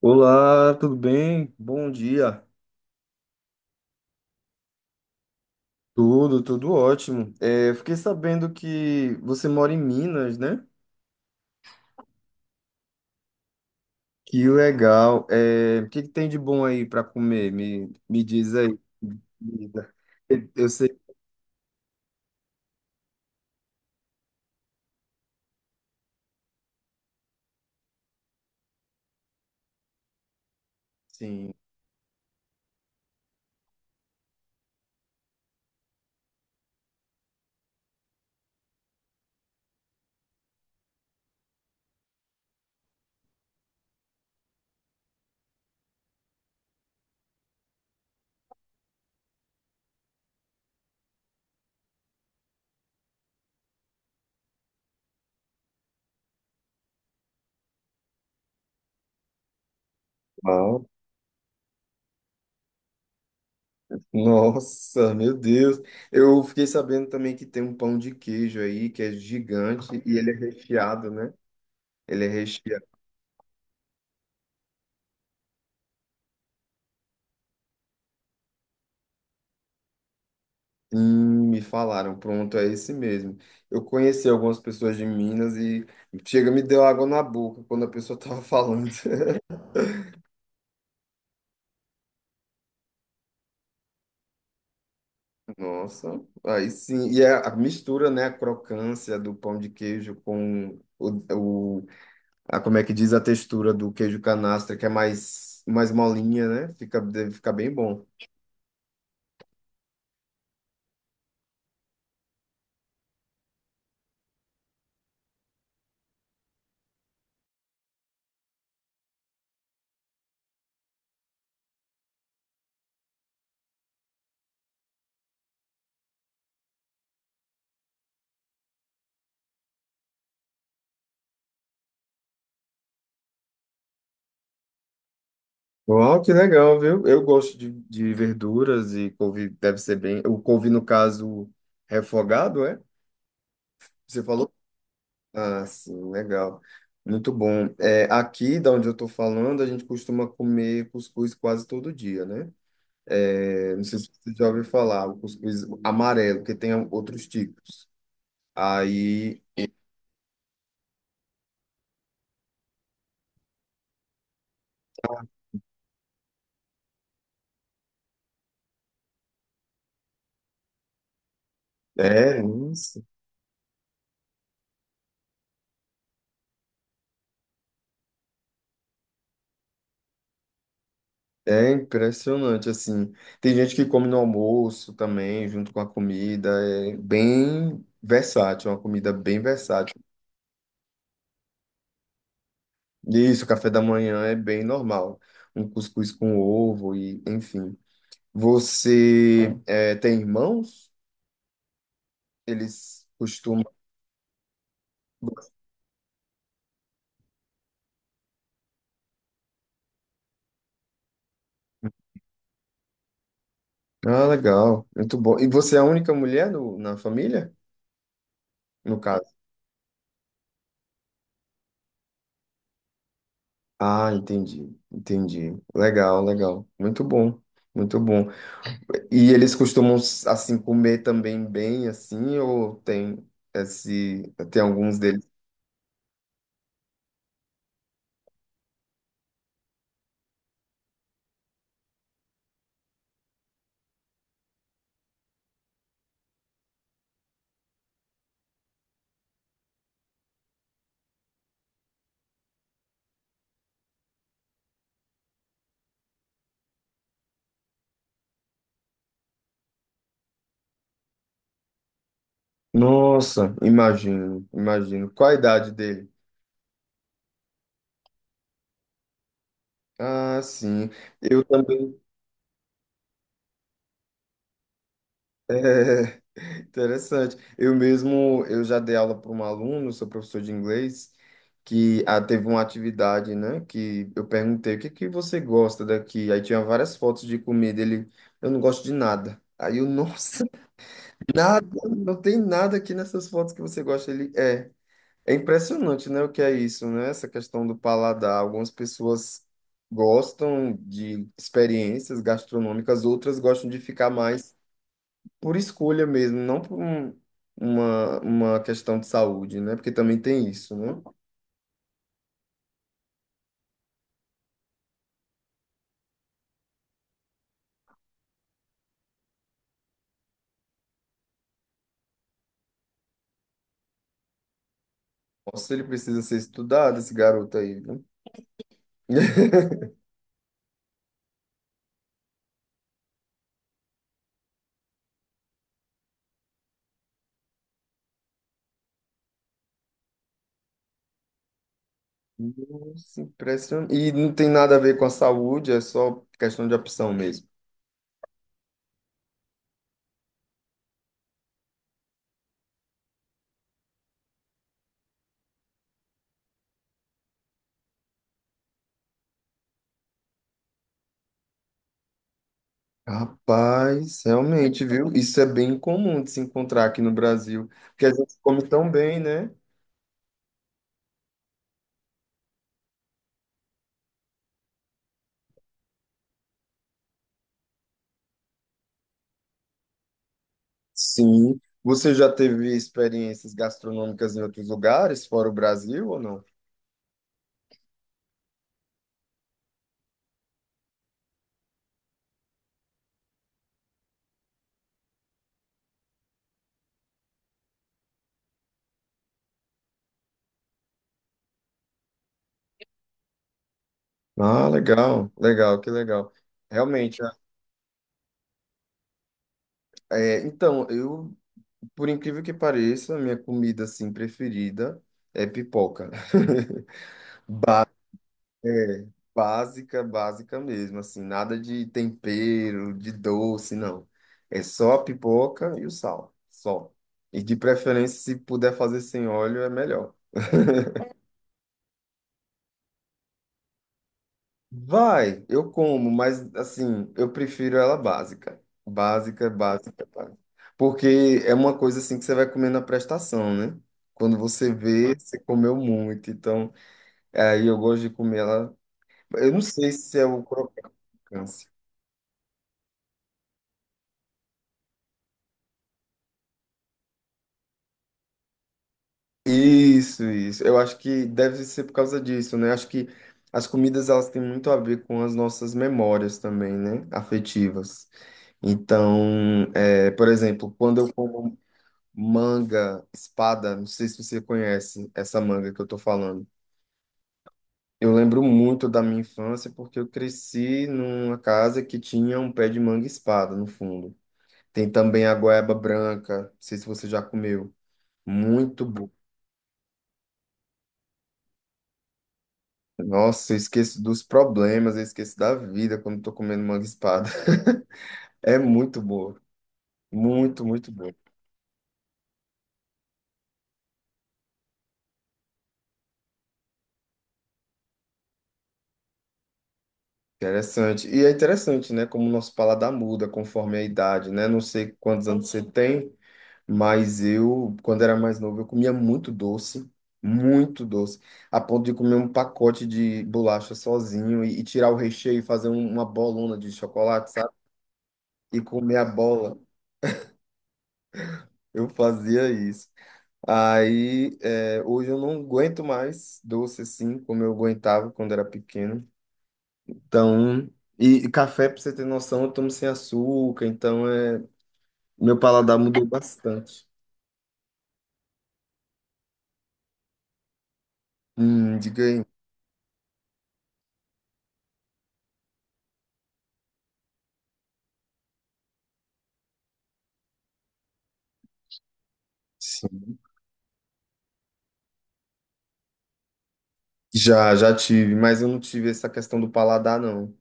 Olá, tudo bem? Bom dia. Tudo ótimo. Eu fiquei sabendo que você mora em Minas, né? Que legal. O que que tem de bom aí para comer? Me diz aí. Comida. Eu sei. Sim. Uau. Nossa, meu Deus. Eu fiquei sabendo também que tem um pão de queijo aí que é gigante e ele é recheado, né? Ele é recheado. Me falaram, pronto, é esse mesmo. Eu conheci algumas pessoas de Minas e chega, me deu água na boca quando a pessoa estava falando. Nossa, aí sim. E a mistura, né? A crocância do pão de queijo com o a, como é que diz a textura do queijo canastra, que é mais molinha, né? Fica, deve ficar bem bom. Uau, que legal, viu? Eu gosto de verduras e couve deve ser bem. O couve, no caso, refogado, é? Você falou? Ah, sim, legal. Muito bom. É, aqui, da onde eu estou falando, a gente costuma comer cuscuz quase todo dia, né? É, não sei se você já ouviu falar, o cuscuz amarelo, que tem outros tipos. Aí, é isso. É impressionante, assim. Tem gente que come no almoço também, junto com a comida. É bem versátil, é uma comida bem versátil. E isso, o café da manhã é bem normal. Um cuscuz com ovo e, enfim. Você é, tem irmãos? Eles costumam. Ah, legal, muito bom. E você é a única mulher na família? No caso. Ah, entendi, entendi. Legal, legal. Muito bom, muito bom. E eles costumam, assim, comer também bem, assim, ou tem esse. Tem alguns deles? Nossa, imagino, imagino. Qual a idade dele? Ah, sim. Eu também. Interessante. Eu mesmo, eu já dei aula para um aluno, sou professor de inglês, que teve uma atividade, né? Que eu perguntei, o que que você gosta daqui? Aí tinha várias fotos de comida. Ele, eu não gosto de nada. Aí eu, nossa, nada, não tem nada aqui nessas fotos que você gosta. Ele, é. É impressionante, né? O que é isso, né? Essa questão do paladar. Algumas pessoas gostam de experiências gastronômicas, outras gostam de ficar mais por escolha mesmo, não por uma questão de saúde, né? Porque também tem isso, né? Nossa, ele precisa ser estudado, esse garoto aí, viu? Nossa, impressionante. E não tem nada a ver com a saúde, é só questão de opção mesmo. Rapaz, realmente, viu? Isso é bem comum de se encontrar aqui no Brasil, porque a gente come tão bem, né? Sim. Você já teve experiências gastronômicas em outros lugares, fora o Brasil ou não? Ah, legal, legal, que legal. Realmente, é, então, eu, por incrível que pareça, a minha comida, assim, preferida é pipoca. É, básica, básica mesmo, assim, nada de tempero, de doce, não. É só a pipoca e o sal, só. E de preferência, se puder fazer sem óleo, é melhor. Vai, eu como, mas assim, eu prefiro ela básica. Básica, básica, básica. Porque é uma coisa assim que você vai comer na prestação, né? Quando você vê, você comeu muito. Então, aí eu gosto de comer ela. Eu não sei se é o crocância. Isso, isso. Eu acho que deve ser por causa disso, né? Acho que as comidas elas têm muito a ver com as nossas memórias também, né? Afetivas. Então, é, por exemplo, quando eu como manga, espada, não sei se você conhece essa manga que eu tô falando. Eu lembro muito da minha infância porque eu cresci numa casa que tinha um pé de manga e espada no fundo. Tem também a goiaba branca, não sei se você já comeu. Muito bom. Nossa, eu esqueço dos problemas, eu esqueço da vida quando tô comendo manga e espada. É muito boa. Muito, muito boa. Interessante. E é interessante, né? Como o nosso paladar muda conforme a idade, né? Não sei quantos anos você tem, mas eu, quando era mais novo, eu comia muito doce, a ponto de comer um pacote de bolacha sozinho e tirar o recheio e fazer uma bolona de chocolate, sabe? E comer a bola. Eu fazia isso. Aí, é, hoje eu não aguento mais doce assim, como eu aguentava quando era pequeno. Então, e café, pra você ter noção, eu tomo sem açúcar, então é, meu paladar mudou bastante. Diga aí. Já tive, mas eu não tive essa questão do paladar, não.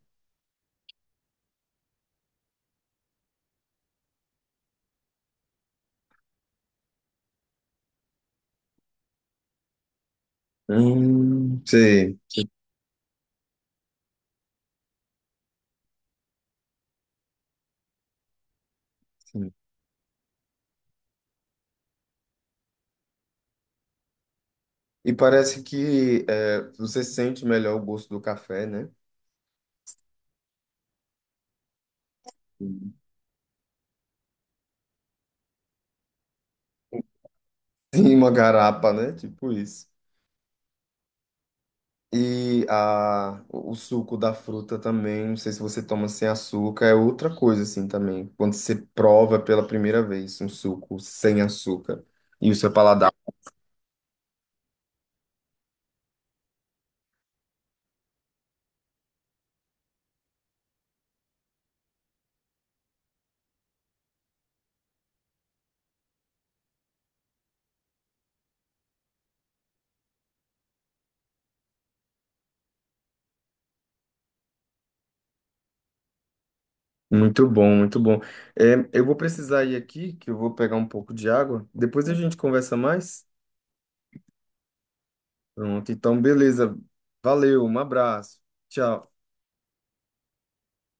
Sei. Sim. E parece que é, você sente melhor o gosto do café, né? Sim, uma garapa, né? Tipo isso. E a, o suco da fruta também, não sei se você toma sem açúcar, é outra coisa assim também. Quando você prova pela primeira vez um suco sem açúcar e o seu paladar. Muito bom, muito bom. É, eu vou precisar ir aqui, que eu vou pegar um pouco de água. Depois a gente conversa mais. Pronto, então beleza. Valeu, um abraço. Tchau.